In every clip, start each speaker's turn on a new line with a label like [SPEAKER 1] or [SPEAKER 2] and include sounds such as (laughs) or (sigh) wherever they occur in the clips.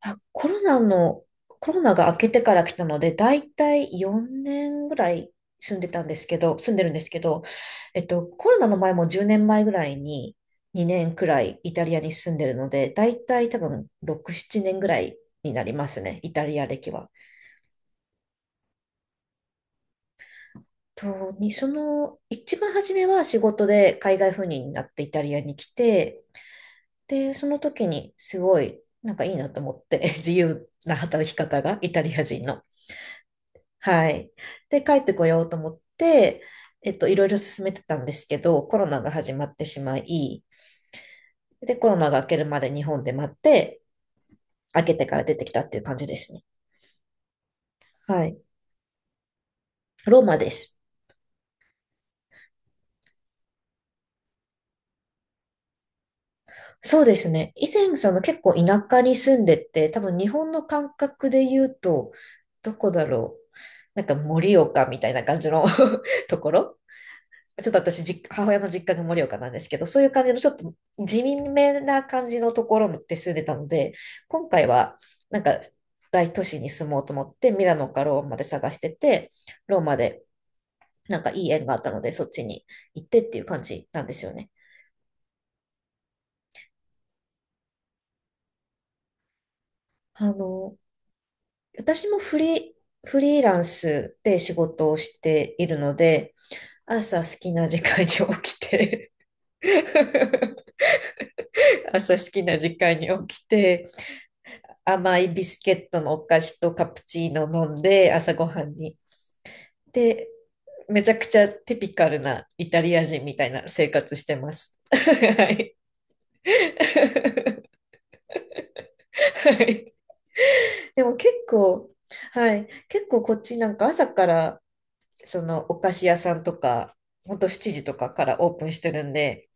[SPEAKER 1] あ、コロナが明けてから来たので、だいたい4年ぐらい住んでるんですけど、コロナの前も10年前ぐらいに2年くらいイタリアに住んでるので、だいたい多分6、7年ぐらいになりますね、イタリア歴は。と、に、その、一番初めは仕事で海外赴任になってイタリアに来て、で、その時にすごい、なんかいいなと思って、(laughs) 自由な働き方がイタリア人の。はい。で、帰ってこようと思って、いろいろ進めてたんですけど、コロナが始まってしまい、で、コロナが明けるまで日本で待って、明けてから出てきたっていう感じですね。はい。ローマです。そうですね。以前、その結構田舎に住んでて、多分日本の感覚で言うと、どこだろう。なんか盛岡みたいな感じの (laughs) ところちょっと私、母親の実家が盛岡なんですけど、そういう感じのちょっと地味めな感じのところで住んでたので、今回はなんか大都市に住もうと思って、ミラノかローマで探してて、ローマでなんかいい縁があったので、そっちに行ってっていう感じなんですよね。あの、私もフリーランスで仕事をしているので、朝好きな時間に起きて (laughs) 朝好きな時間に起きて、甘いビスケットのお菓子とカプチーノ飲んで朝ごはんに。で、めちゃくちゃテピカルなイタリア人みたいな生活してます。(laughs) はい。(laughs) はい。でも結構、はい。結構こっちなんか朝から、そのお菓子屋さんとか、ほんと7時とかからオープンしてるんで、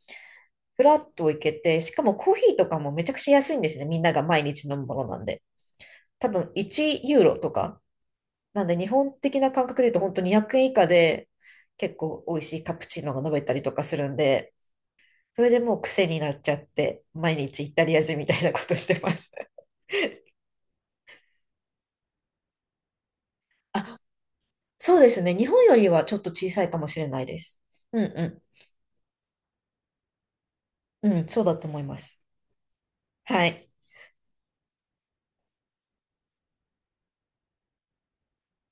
[SPEAKER 1] フラッと行けて、しかもコーヒーとかもめちゃくちゃ安いんですね。みんなが毎日飲むものなんで。多分1ユーロとかなんで日本的な感覚で言うと本当に200円以下で結構美味しいカプチーノが飲めたりとかするんで、それでもう癖になっちゃって、毎日イタリア人みたいなことしてます。(laughs) あ、そうですね。日本よりはちょっと小さいかもしれないです。うんうん。うん、そうだと思います。はい。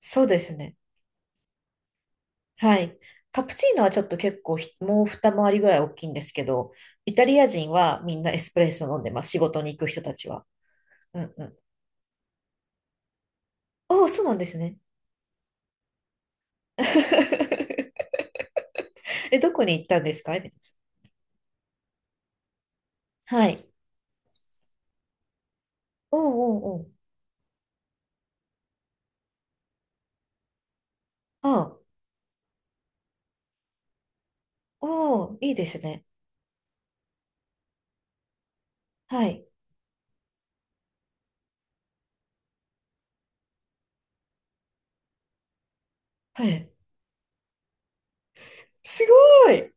[SPEAKER 1] そうですね。はい。カプチーノはちょっと結構もう二回りぐらい大きいんですけど、イタリア人はみんなエスプレッソ飲んでます。仕事に行く人たちは。うんうん。おお、そうなんですね。(laughs) え、どこに行ったんですかエミネさん。はい。おうおうおう。あ、おー、いいですね。はい。はい。すごい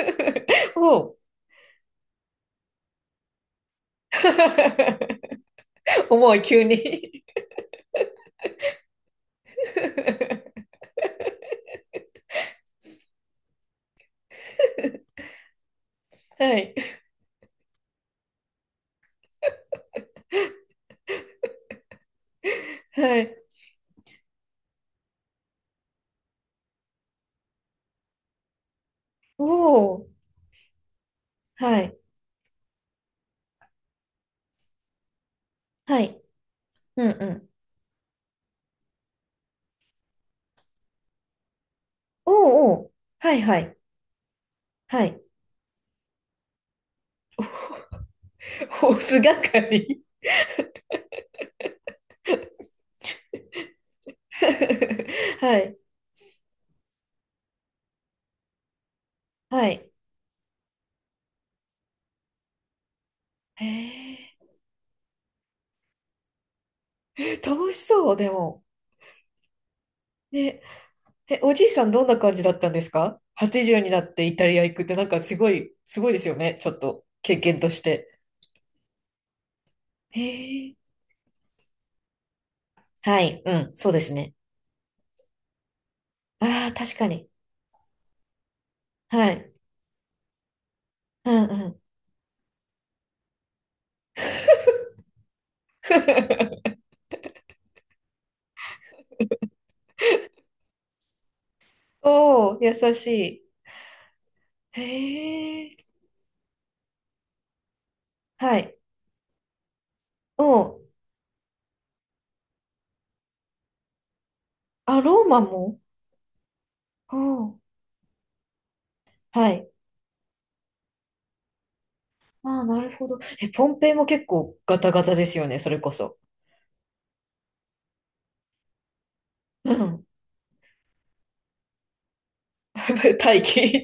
[SPEAKER 1] (laughs) おう (laughs) 重い、急に (laughs) はい。はい。おおはいはい。うんうんおうおうはいはい。はいホース係 (laughs) はい。はい。へえ。楽しそう、でも。ねえ、おじいさんどんな感じだったんですか？ 80 になってイタリア行くってなんかすごい、すごいですよね。ちょっと経験として。へえ。はい、うん、そうですね。ああ、確かに。はい。うんうん。(laughs) おお、優しい。へえ。はい。おお、あ、ローマもおお、はい。ああ、なるほど。え、ポンペイも結構ガタガタですよね、それこそ。うん。(laughs) 大気。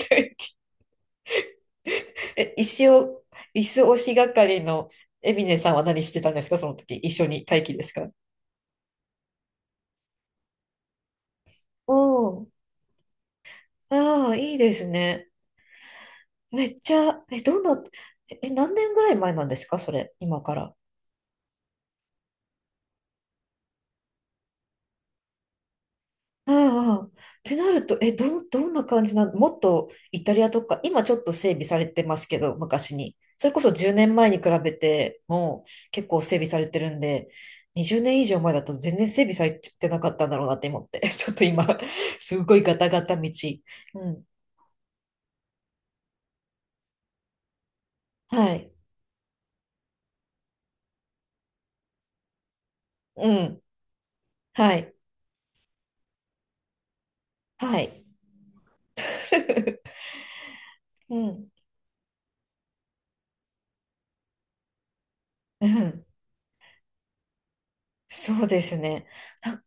[SPEAKER 1] え、石を、椅子押し係のエビネさんは何してたんですかその時、一緒に待機ですか？おお。ああ、いいですね。めっちゃ、え、どんな、え、何年ぐらい前なんですかそれ、今から。ああ、ってなると、え、どう、どんな感じなのもっとイタリアとか、今ちょっと整備されてますけど、昔に。それこそ10年前に比べてもう結構整備されてるんで、20年以上前だと全然整備されてなかったんだろうなって思って、(laughs) ちょっと今、すごいガタガタ道。うん。はい。うん。はい。はい。(laughs) うん。うん。そうですね。なん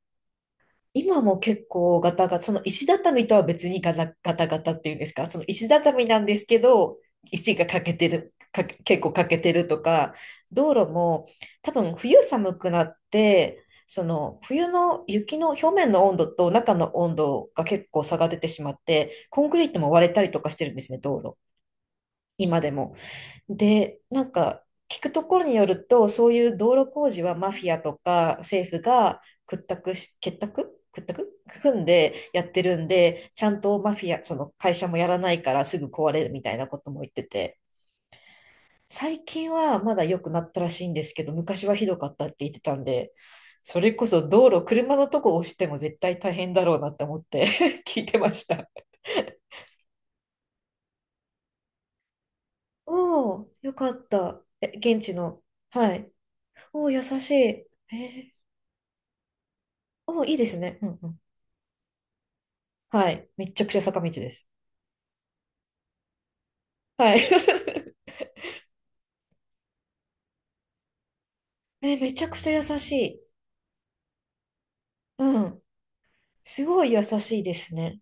[SPEAKER 1] 今も結構ガタガタ、その石畳とは別にガタガタガタっていうんですか、その石畳なんですけど、石が欠けてる、か結構欠けてるとか、道路も多分冬寒くなって、その冬の雪の表面の温度と中の温度が結構差が出てしまって、コンクリートも割れたりとかしてるんですね、道路。今でも。で、なんか聞くところによると、そういう道路工事はマフィアとか政府が屈託し、結託屈託組んでやってるんで、ちゃんとマフィア、その会社もやらないからすぐ壊れるみたいなことも言ってて、最近はまだ良くなったらしいんですけど、昔はひどかったって言ってたんで、それこそ道路、車のとこ押しても絶対大変だろうなって思って (laughs) 聞いてました。おお、よかった。え、現地の。はい。おお、優しい。えーお、いいですね。うんうん。はい。めっちゃくちゃ坂道です。はい。(laughs) ね、めちゃくちゃ優しい。うん。すごい優しいですね。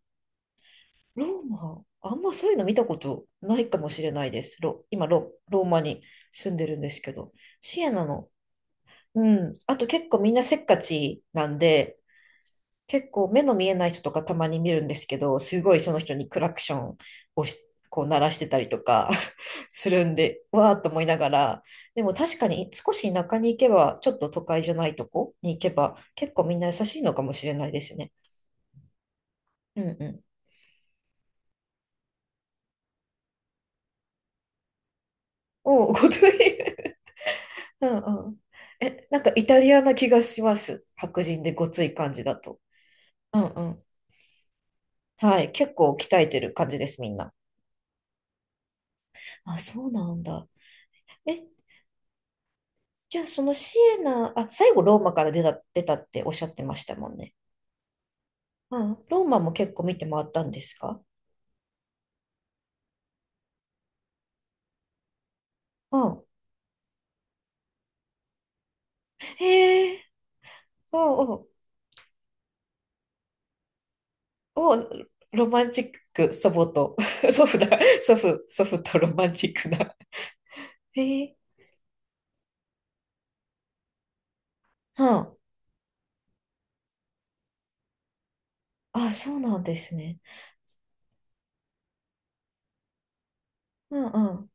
[SPEAKER 1] ローマ、あんまそういうの見たことないかもしれないです。今ローマに住んでるんですけど。シエナの。うん。あと結構みんなせっかちなんで、結構目の見えない人とかたまに見るんですけど、すごいその人にクラクションをこう鳴らしてたりとか (laughs) するんで、わーっと思いながら、でも確かに少し田舎に行けば、ちょっと都会じゃないとこに行けば、結構みんな優しいのかもしれないですね。うんうん。おお、ごつい。(laughs) うんうん。え、なんかイタリアな気がします。白人でごつい感じだと。うんうん。はい。結構鍛えてる感じです、みんな。あ、そうなんだ。え、じゃあ、そのシエナ、あ、最後ローマから出たっておっしゃってましたもんね。うん。ローマも結構見て回ったんですか？うん。へえ、おうおう、おう、ロマンチック、祖母と、(laughs) 祖父だ、祖父とロマンチックな。へえ、うん。あ、そうなんですね。うんうん。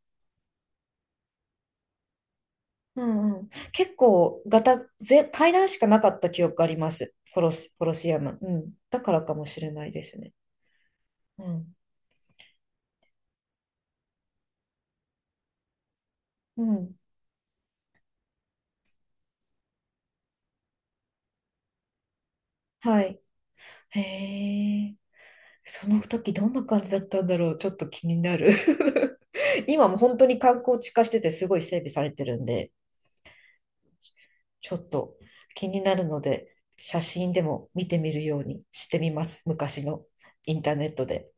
[SPEAKER 1] うんうん。結構、ガタ、ぜ、階段しかなかった記憶あります。コロス、コロシアム。うん。だからかもしれないですね。うん。うん。はい。へえ。その時どんな感じだったんだろう、ちょっと気になる (laughs) 今も本当に観光地化しててすごい整備されてるんで、ちょっと気になるので、写真でも見てみるようにしてみます、昔のインターネットで。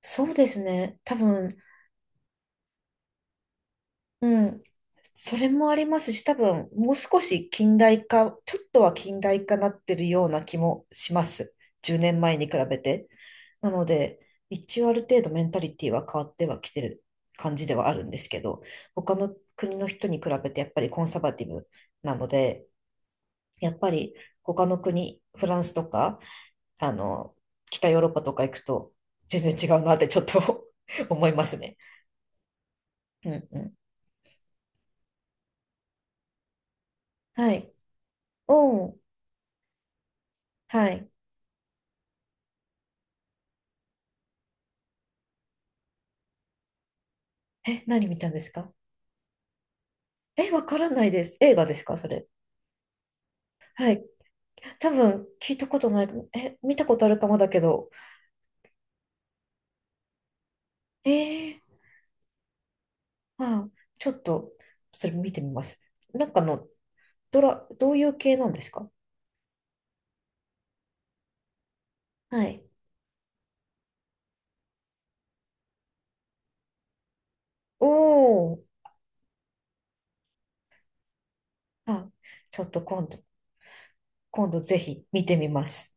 [SPEAKER 1] そうですね、多分うん。それもありますし、多分、もう少し近代化、ちょっとは近代化なってるような気もします。10年前に比べて。なので、一応ある程度メンタリティは変わってはきてる感じではあるんですけど、他の国の人に比べてやっぱりコンサバティブなので、やっぱり他の国、フランスとか、あの、北ヨーロッパとか行くと全然違うなってちょっと (laughs) 思いますね。うんうん。はい。おん。はい。え、何見たんですか？え、わからないです。映画ですかそれ？はい。多分、聞いたことないかも。え、見たことあるかもだけど。えー、ああ、ちょっと、それ見てみます。なんかの、ドラ、どういう系なんですか？はい。おー。あ、ちょっと今度、今度ぜひ見てみます。